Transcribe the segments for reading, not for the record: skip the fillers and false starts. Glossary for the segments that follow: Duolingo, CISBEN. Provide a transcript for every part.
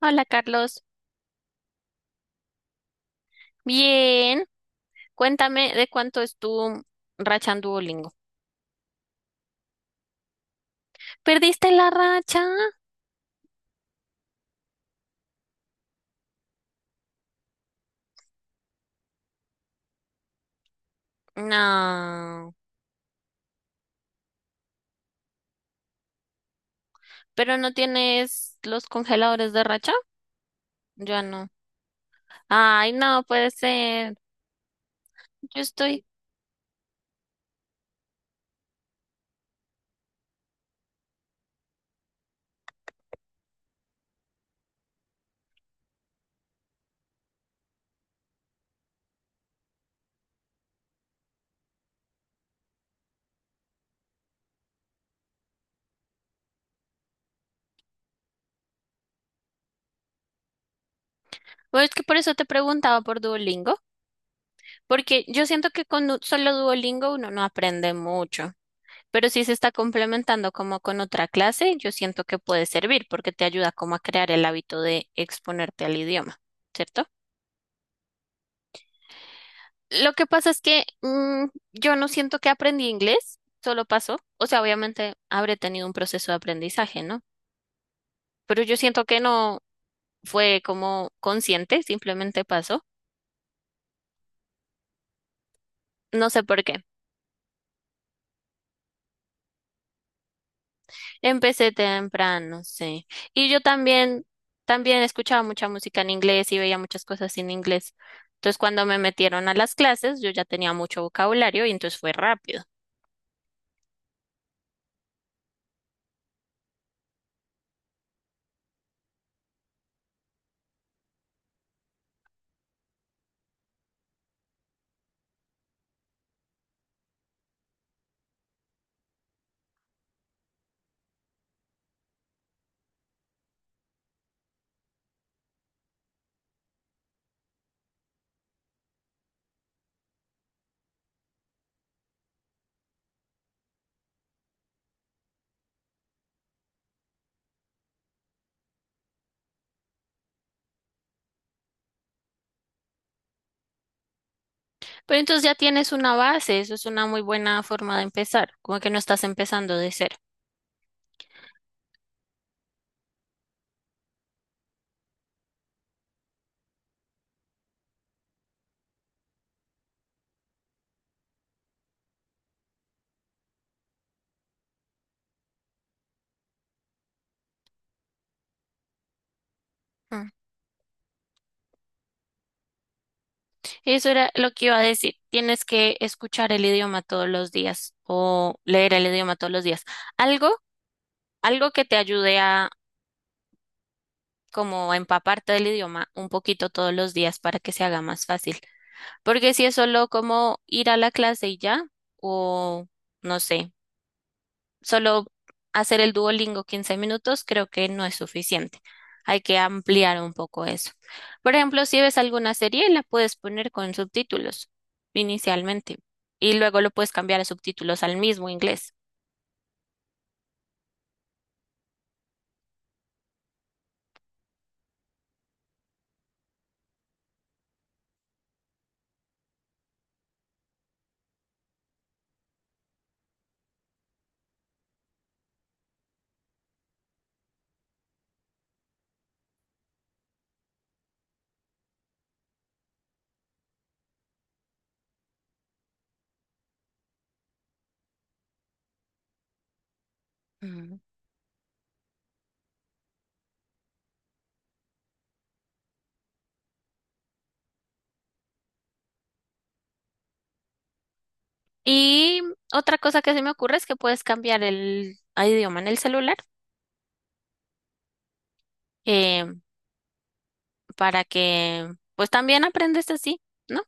Hola Carlos, bien. Cuéntame de cuánto es tu racha en Duolingo. ¿Perdiste la racha? No. ¿Pero no tienes los congeladores de racha? Yo no. Ay, no puede ser. Yo estoy. Bueno, es que por eso te preguntaba por Duolingo, porque yo siento que con solo Duolingo uno no aprende mucho, pero si se está complementando como con otra clase, yo siento que puede servir porque te ayuda como a crear el hábito de exponerte al idioma, ¿cierto? Lo que pasa es que yo no siento que aprendí inglés, solo pasó. O sea, obviamente habré tenido un proceso de aprendizaje, ¿no? Pero yo siento que no fue como consciente, simplemente pasó. No sé por qué. Empecé temprano, sí. Y yo también, también escuchaba mucha música en inglés y veía muchas cosas en inglés. Entonces, cuando me metieron a las clases, yo ya tenía mucho vocabulario y entonces fue rápido. Pero entonces ya tienes una base, eso es una muy buena forma de empezar, como que no estás empezando de cero. Mm. Eso era lo que iba a decir. Tienes que escuchar el idioma todos los días o leer el idioma todos los días. Algo, algo que te ayude a, como empaparte del idioma un poquito todos los días para que se haga más fácil. Porque si es solo como ir a la clase y ya, o no sé, solo hacer el Duolingo 15 minutos, creo que no es suficiente. Hay que ampliar un poco eso. Por ejemplo, si ves alguna serie, la puedes poner con subtítulos inicialmente y luego lo puedes cambiar a subtítulos al mismo inglés. Mm. Y otra cosa que se me ocurre es que puedes cambiar el a idioma en el celular. Eh, para que pues también aprendes así, ¿no?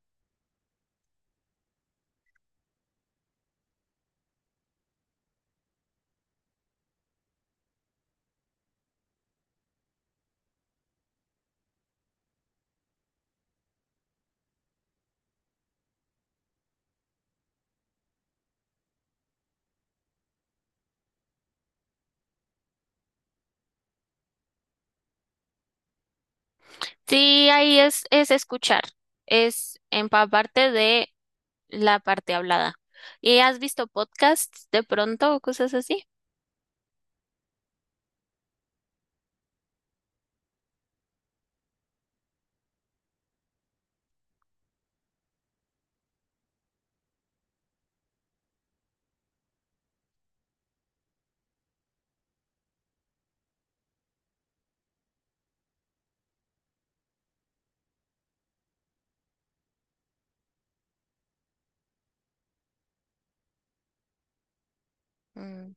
Sí, ahí es escuchar, es empaparte de la parte hablada. ¿Y has visto podcasts de pronto o cosas así? Mm,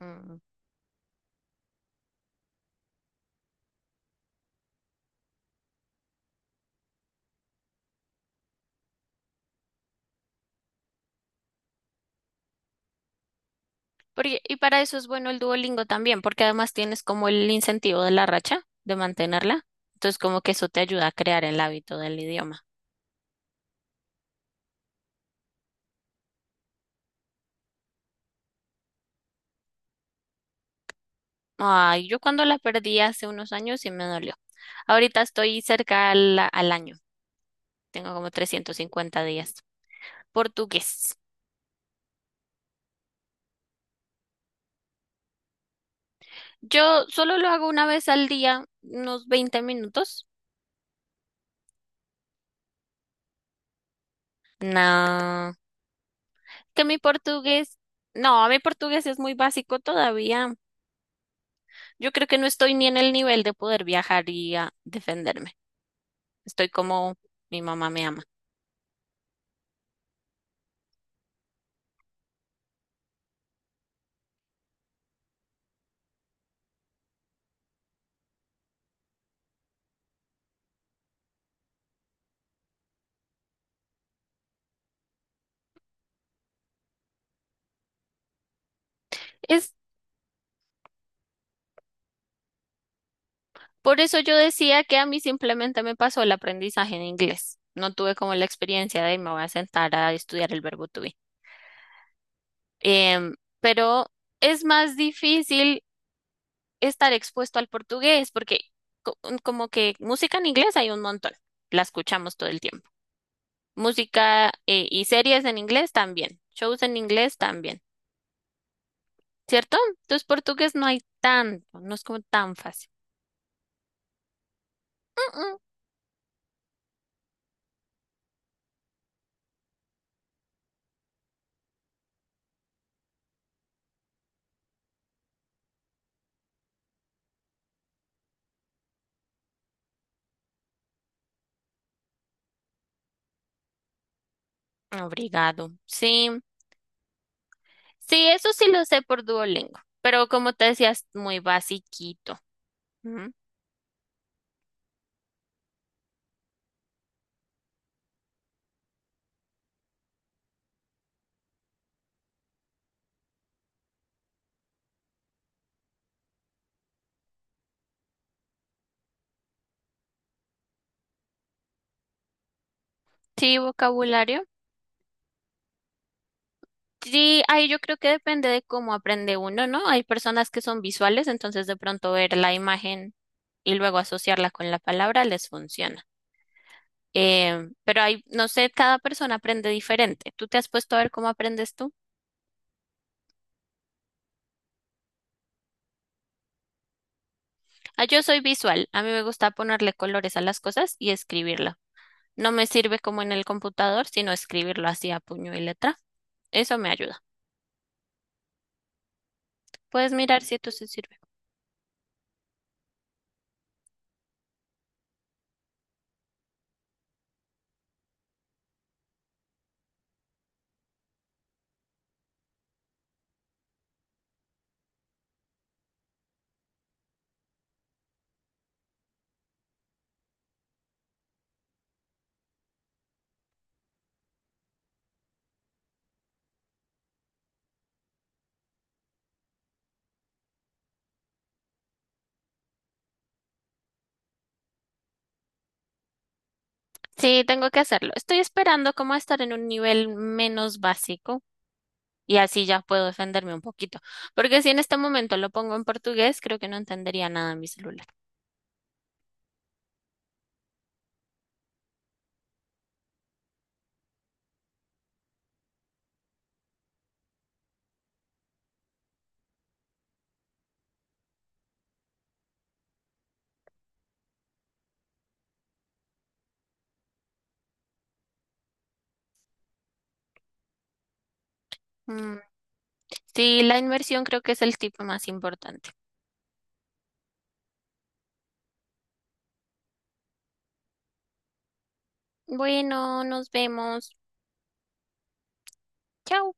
mm. Porque, y para eso es bueno el Duolingo también, porque además tienes como el incentivo de la racha, de mantenerla. Entonces como que eso te ayuda a crear el hábito del idioma. Ay, yo cuando la perdí hace unos años sí me dolió. Ahorita estoy cerca al, al año, tengo como 350 días. Portugués. Yo solo lo hago una vez al día, unos 20 minutos. No, que mi portugués, no, mi portugués es muy básico todavía. Yo creo que no estoy ni en el nivel de poder viajar y a defenderme. Estoy como mi mamá me ama. Es por eso yo decía que a mí simplemente me pasó el aprendizaje en inglés. No tuve como la experiencia de me voy a sentar a estudiar el verbo to be. Em, pero es más difícil estar expuesto al portugués, porque co- como que música en inglés hay un montón, la escuchamos todo el tiempo. Música y series en inglés también, shows en inglés también, ¿cierto? Entonces portugués no hay tanto, no es como tan fácil. Mm, mm. Obrigado. Sí, sí, eso sí lo sé por Duolingo, pero como te decías, muy basiquito. Ujú. Sí, vocabulario. Sí, ahí yo creo que depende de cómo aprende uno, ¿no? Hay personas que son visuales, entonces de pronto ver la imagen y luego asociarla con la palabra les funciona. Pero hay, no sé, cada persona aprende diferente. ¿Tú te has puesto a ver cómo aprendes tú? Ah, yo soy visual. A mí me gusta ponerle colores a las cosas y escribirlo. No me sirve como en el computador, sino escribirlo así a puño y letra. Eso me ayuda. Puedes mirar si esto se sirve. Sí, tengo que hacerlo. Estoy esperando como a estar en un nivel menos básico y así ya puedo defenderme un poquito. Porque si en este momento lo pongo en portugués, creo que no entendería nada en mi celular. Mm. Sí, la inmersión creo que es el tipo más importante. Bueno, nos vemos. Chao.